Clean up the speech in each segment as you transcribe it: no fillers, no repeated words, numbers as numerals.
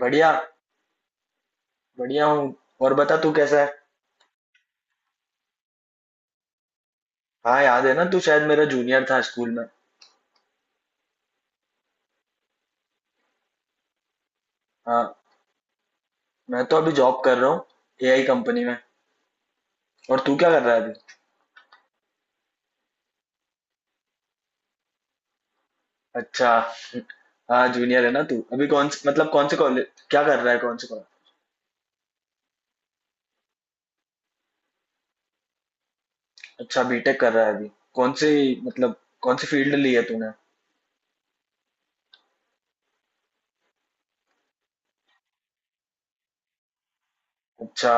बढ़िया। बढ़िया हूँ। और बता तू कैसा है। हाँ याद है ना, तू शायद मेरा जूनियर था स्कूल में। हाँ मैं तो अभी जॉब कर रहा हूँ एआई कंपनी में। और तू क्या कर रहा है अभी। अच्छा। हाँ जूनियर है ना तू। अभी कौन से मतलब कौन से कॉलेज, क्या कर रहा है, कौन से कॉलेज। अच्छा बीटेक कर रहा है अभी, कौन सी मतलब कौन सी फील्ड ली है तूने। अच्छा।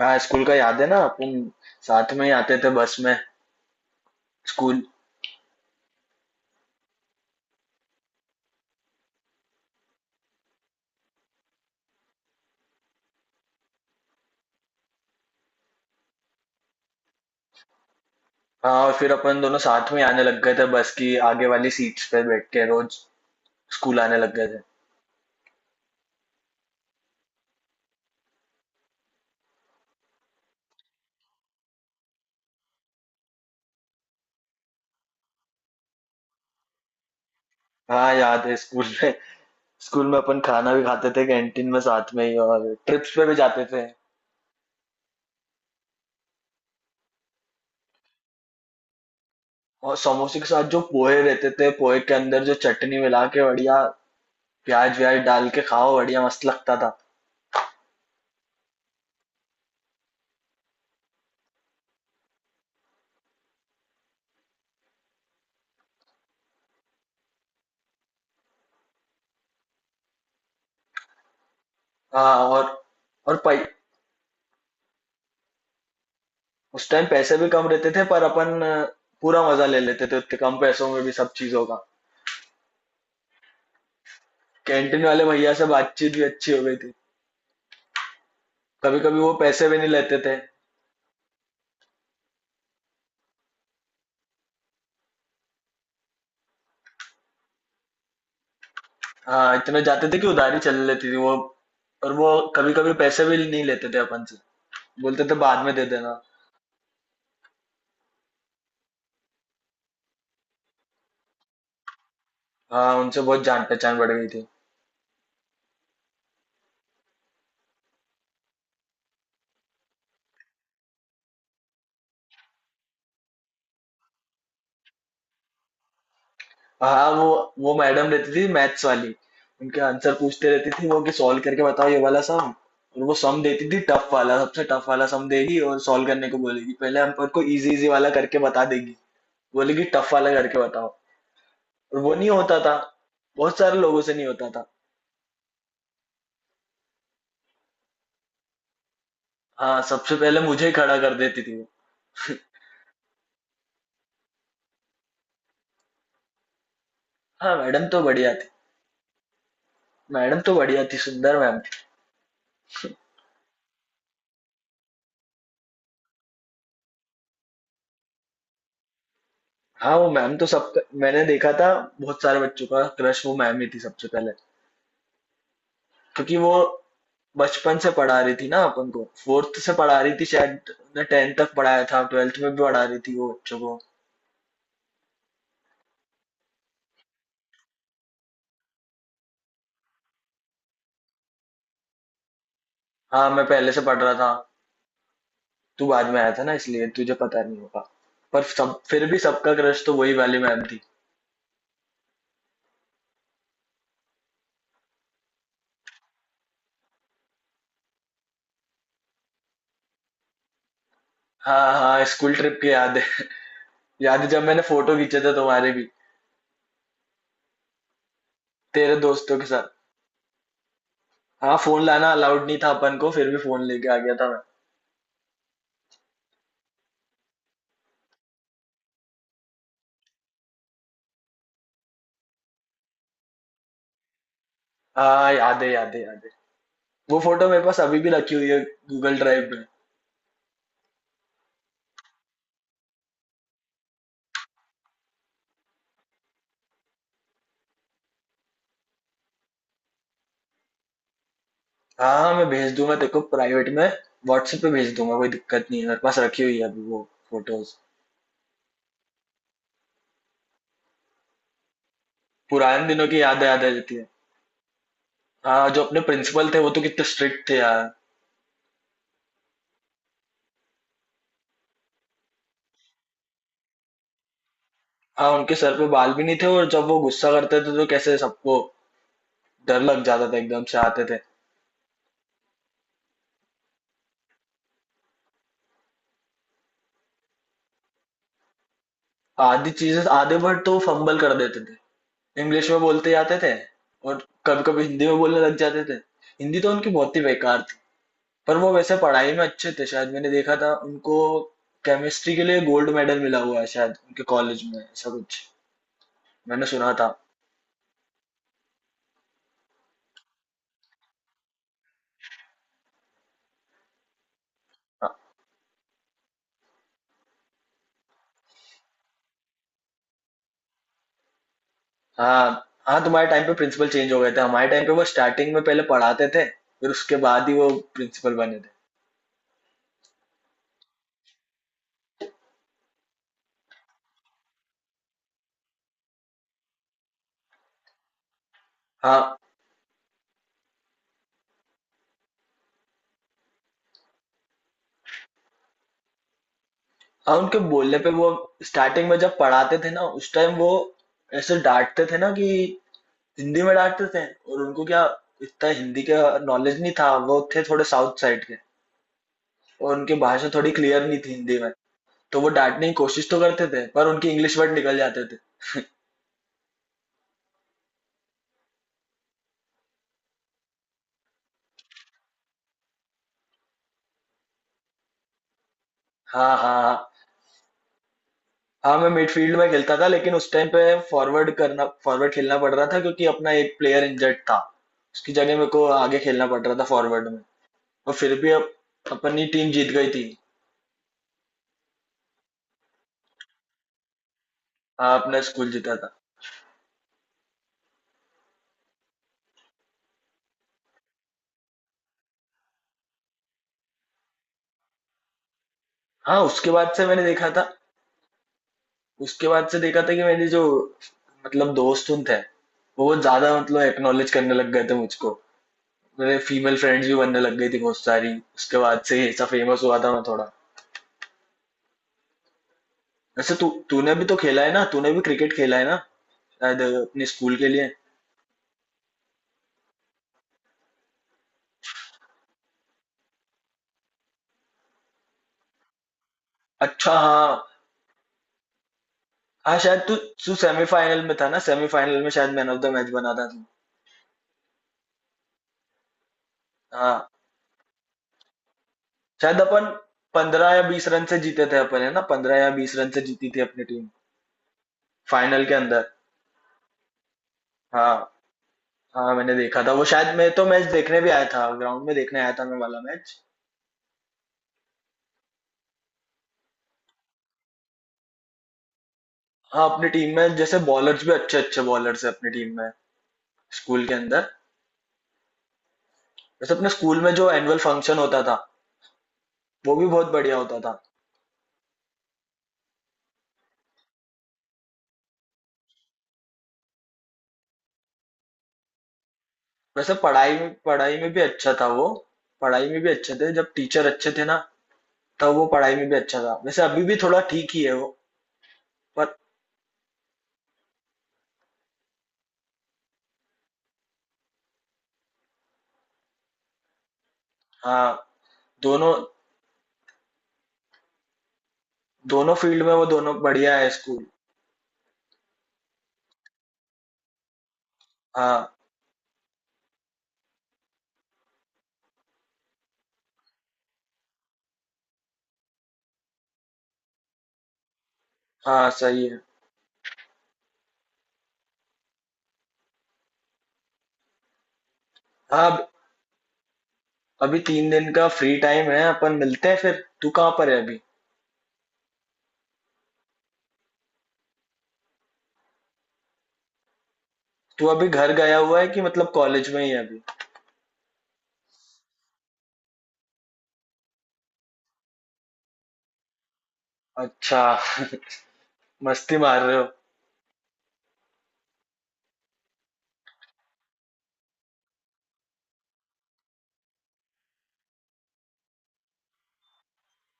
हाँ स्कूल का याद है ना अपन। साथ में ही आते थे बस में, स्कूल। हाँ और फिर अपन दोनों साथ में ही आने लग गए थे, बस की आगे वाली सीट्स पे बैठ के रोज स्कूल आने लग गए थे। हाँ याद है स्कूल में। स्कूल में अपन खाना भी खाते थे कैंटीन में साथ में ही, और ट्रिप्स पे भी जाते थे। और समोसे के साथ जो पोहे रहते थे, पोहे के अंदर जो चटनी मिला के बढ़िया प्याज व्याज डाल के खाओ, बढ़िया मस्त लगता था। हाँ और उस टाइम पैसे भी कम रहते थे, पर अपन पूरा मजा ले लेते थे उतने कम पैसों में भी सब चीजों का। कैंटीन वाले भैया से बातचीत भी अच्छी हो गई थी। कभी कभी वो पैसे भी नहीं लेते थे। हाँ इतने जाते थे कि उधारी चल लेती थी वो। और वो कभी कभी पैसे भी नहीं लेते थे अपन से, बोलते थे बाद में दे देना। हाँ उनसे बहुत जान पहचान बढ़ गई थी। हाँ वो मैडम रहती थी मैथ्स वाली। उनके आंसर पूछते रहती थी वो कि सॉल्व करके बताओ ये वाला सम। और वो सम देती थी, टफ वाला, सबसे टफ वाला सम देगी और सॉल्व करने को बोलेगी। पहले हम पर को इजी इजी वाला करके बता देगी, बोलेगी टफ वाला करके बताओ। और वो नहीं होता था। बहुत सारे लोगों से नहीं होता था। हाँ सबसे पहले मुझे ही खड़ा कर देती थी वो। हाँ मैडम तो बढ़िया थी। मैडम तो बढ़िया थी, सुंदर मैम। हाँ वो मैम तो सब। मैंने देखा था बहुत सारे बच्चों का क्रश वो मैम ही थी सबसे पहले, क्योंकि वो बचपन से पढ़ा रही थी ना अपन को। फोर्थ से पढ़ा रही थी शायद ने, टेंथ तक पढ़ाया था, ट्वेल्थ में भी पढ़ा रही थी वो बच्चों को। हाँ मैं पहले से पढ़ रहा था। तू बाद में आया था ना, इसलिए तुझे पता नहीं होगा। पर सब फिर भी, सबका क्रश तो वही वाली मैम थी। हाँ हाँ स्कूल ट्रिप की याद है। याद है जब मैंने फोटो खींचे थे तुम्हारे भी, तेरे दोस्तों के साथ। हाँ फोन लाना अलाउड नहीं था अपन को, फिर भी फोन लेके आ गया था मैं। हाँ याद है, याद है, याद है। वो फोटो मेरे पास अभी भी रखी हुई है, गूगल ड्राइव में। हाँ हाँ मैं भेज दूंगा तेरे को प्राइवेट में, व्हाट्सएप पे भेज दूंगा। कोई दिक्कत नहीं है, मेरे पास रखी हुई है अभी वो फोटोज। पुराने दिनों की यादें याद आ जाती है। हाँ जो अपने प्रिंसिपल थे वो तो कितने स्ट्रिक्ट थे यार। हाँ उनके सर पे बाल भी नहीं थे, और जब वो गुस्सा करते थे तो कैसे सबको डर लग जाता था, एकदम से आते थे। आधी चीजें आधे वर्ड तो फंबल कर देते थे, इंग्लिश में बोलते जाते थे। और कभी कभी हिंदी में बोलने लग जाते थे। हिंदी तो उनकी बहुत ही बेकार। पर वो वैसे पढ़ाई में अच्छे थे, शायद मैंने देखा था उनको केमिस्ट्री के लिए गोल्ड मेडल मिला हुआ है शायद उनके कॉलेज में, ऐसा कुछ मैंने सुना था। हाँ हाँ तुम्हारे टाइम पे प्रिंसिपल चेंज हो गए थे, हमारे टाइम पे वो स्टार्टिंग में पहले पढ़ाते थे, फिर उसके बाद ही वो प्रिंसिपल बने थे। हाँ हाँ उनके बोलने पे, वो स्टार्टिंग में जब पढ़ाते थे ना उस टाइम वो ऐसे डांटते थे ना कि हिंदी में डांटते थे। और उनको क्या, इतना हिंदी का नॉलेज नहीं था, वो थे थोड़े साउथ साइड के, और उनकी भाषा थोड़ी क्लियर नहीं थी हिंदी में। तो वो डाँटने की कोशिश तो करते थे, पर उनके इंग्लिश वर्ड निकल जाते थे। हाँ, हाँ, हाँ। हाँ, मैं मिडफ़ील्ड में खेलता था, लेकिन उस टाइम पे फ़ॉरवर्ड खेलना पड़ रहा था क्योंकि अपना एक प्लेयर इंजर्ड था। उसकी जगह मेरे को आगे खेलना पड़ रहा था, फ़ॉरवर्ड में। और फिर भी अप अपनी टीम जीत गई थी। हाँ, अपना स्कूल जीता था। हाँ, उसके बाद से मैंने देखा था, उसके बाद से देखा था कि मेरे जो मतलब दोस्त उन थे, वो ज़्यादा मतलब एक्नॉलेज करने लग गए थे मुझको। मेरे फीमेल फ्रेंड्स भी बनने लग गई थी बहुत सारी। उसके बाद से ये सब फ़ेमस हुआ था मैं थोड़ा। वैसे तू तूने भी तो खेला है ना, तूने भी क्रिकेट खेला है ना, शायद अपने स्कूल के लिए। अच्छा हाँ। हाँ शायद तू तू सेमीफाइनल में था ना, सेमीफाइनल में शायद मैन ऑफ द मैच बना था तू। हाँ शायद अपन 15 या 20 रन से जीते थे अपन, है ना, 15 या 20 रन से जीती थी अपनी टीम, फाइनल के अंदर। हाँ हाँ मैंने देखा था वो, शायद मैं तो मैच देखने भी आया था ग्राउंड में, देखने आया था मैं वाला मैच। हाँ अपनी टीम में जैसे बॉलर्स भी अच्छे, अच्छे बॉलर्स है अपनी टीम में, स्कूल के अंदर। वैसे अपने स्कूल में जो एनुअल फंक्शन होता था वो भी बहुत बढ़िया होता था। वैसे पढ़ाई में, पढ़ाई में भी अच्छा था वो। पढ़ाई में भी अच्छे थे जब टीचर अच्छे थे ना, तब वो पढ़ाई में भी अच्छा था। वैसे अभी भी थोड़ा ठीक ही है वो। पर हाँ दोनों दोनों फील्ड में वो दोनों बढ़िया है स्कूल। हाँ हाँ सही है। हाँ अभी 3 दिन का फ्री टाइम है, अपन मिलते हैं फिर। तू कहाँ पर है अभी, तू अभी घर गया हुआ है कि मतलब कॉलेज में ही है अभी। अच्छा। मस्ती मार रहे हो।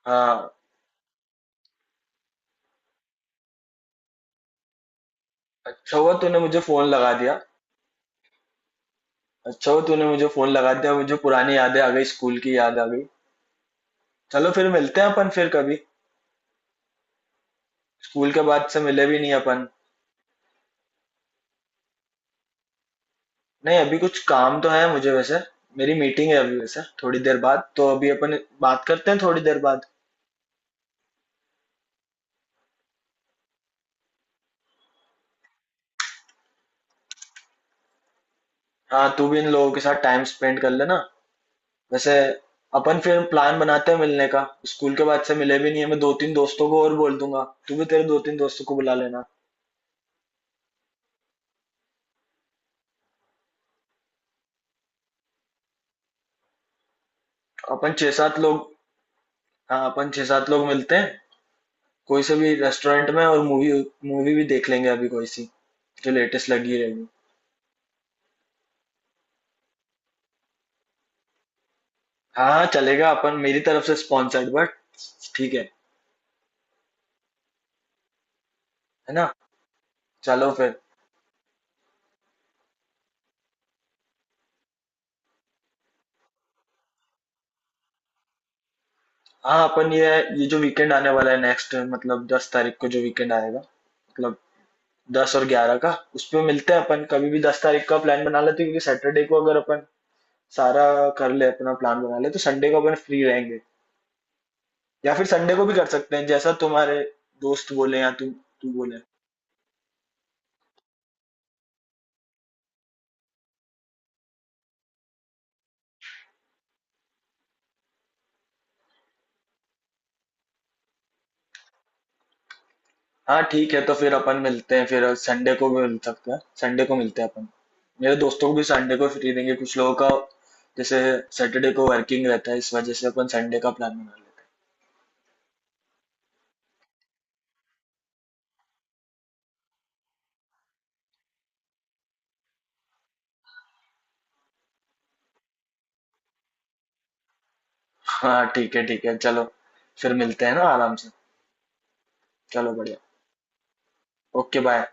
हाँ अच्छा हुआ तूने मुझे फोन लगा दिया, अच्छा हुआ तूने मुझे फोन लगा दिया, मुझे पुरानी यादें आ गई, स्कूल की याद आ गई। चलो फिर मिलते हैं अपन फिर कभी। स्कूल के बाद से मिले भी नहीं अपन। नहीं, अभी कुछ काम तो है मुझे वैसे। मेरी मीटिंग है अभी वैसे थोड़ी देर बाद, तो अभी अपन बात करते हैं थोड़ी देर बाद। हाँ, तू भी इन लोगों के साथ टाइम स्पेंड कर लेना। वैसे अपन फिर प्लान बनाते हैं मिलने का। स्कूल के बाद से मिले भी नहीं है। मैं 2-3 दोस्तों को और बोल दूंगा। तू भी तेरे 2-3 दोस्तों को बुला लेना। अपन 6-7 लोग। हाँ, अपन 6-7 लोग मिलते हैं। कोई से भी रेस्टोरेंट में, और मूवी, मूवी भी देख लेंगे अभी कोई सी, जो लेटेस्ट लगी रहेगी। हाँ चलेगा अपन, मेरी तरफ से स्पॉन्सर्ड, बट ठीक है। है ना। चलो फिर। हाँ अपन ये जो वीकेंड आने वाला है नेक्स्ट, मतलब 10 तारीख को जो वीकेंड आएगा, मतलब 10 और 11 का, उस पे मिलते हैं अपन कभी भी। 10 तारीख का प्लान बना लेते हैं, क्योंकि सैटरडे को अगर अपन सारा कर ले, अपना प्लान बना ले, तो संडे को अपन फ्री रहेंगे। या फिर संडे को भी कर सकते हैं, जैसा तुम्हारे दोस्त बोले या तुम तू बोले। हाँ ठीक है, तो फिर अपन मिलते हैं। फिर संडे को भी मिल सकते हैं, संडे को मिलते हैं अपन। मेरे दोस्तों को भी संडे को फ्री देंगे, कुछ लोगों का जैसे सैटरडे को वर्किंग रहता है, इस वजह से अपन संडे का प्लान बना लेते हैं। हाँ ठीक है चलो। फिर मिलते हैं ना आराम से। चलो बढ़िया। Okay bye.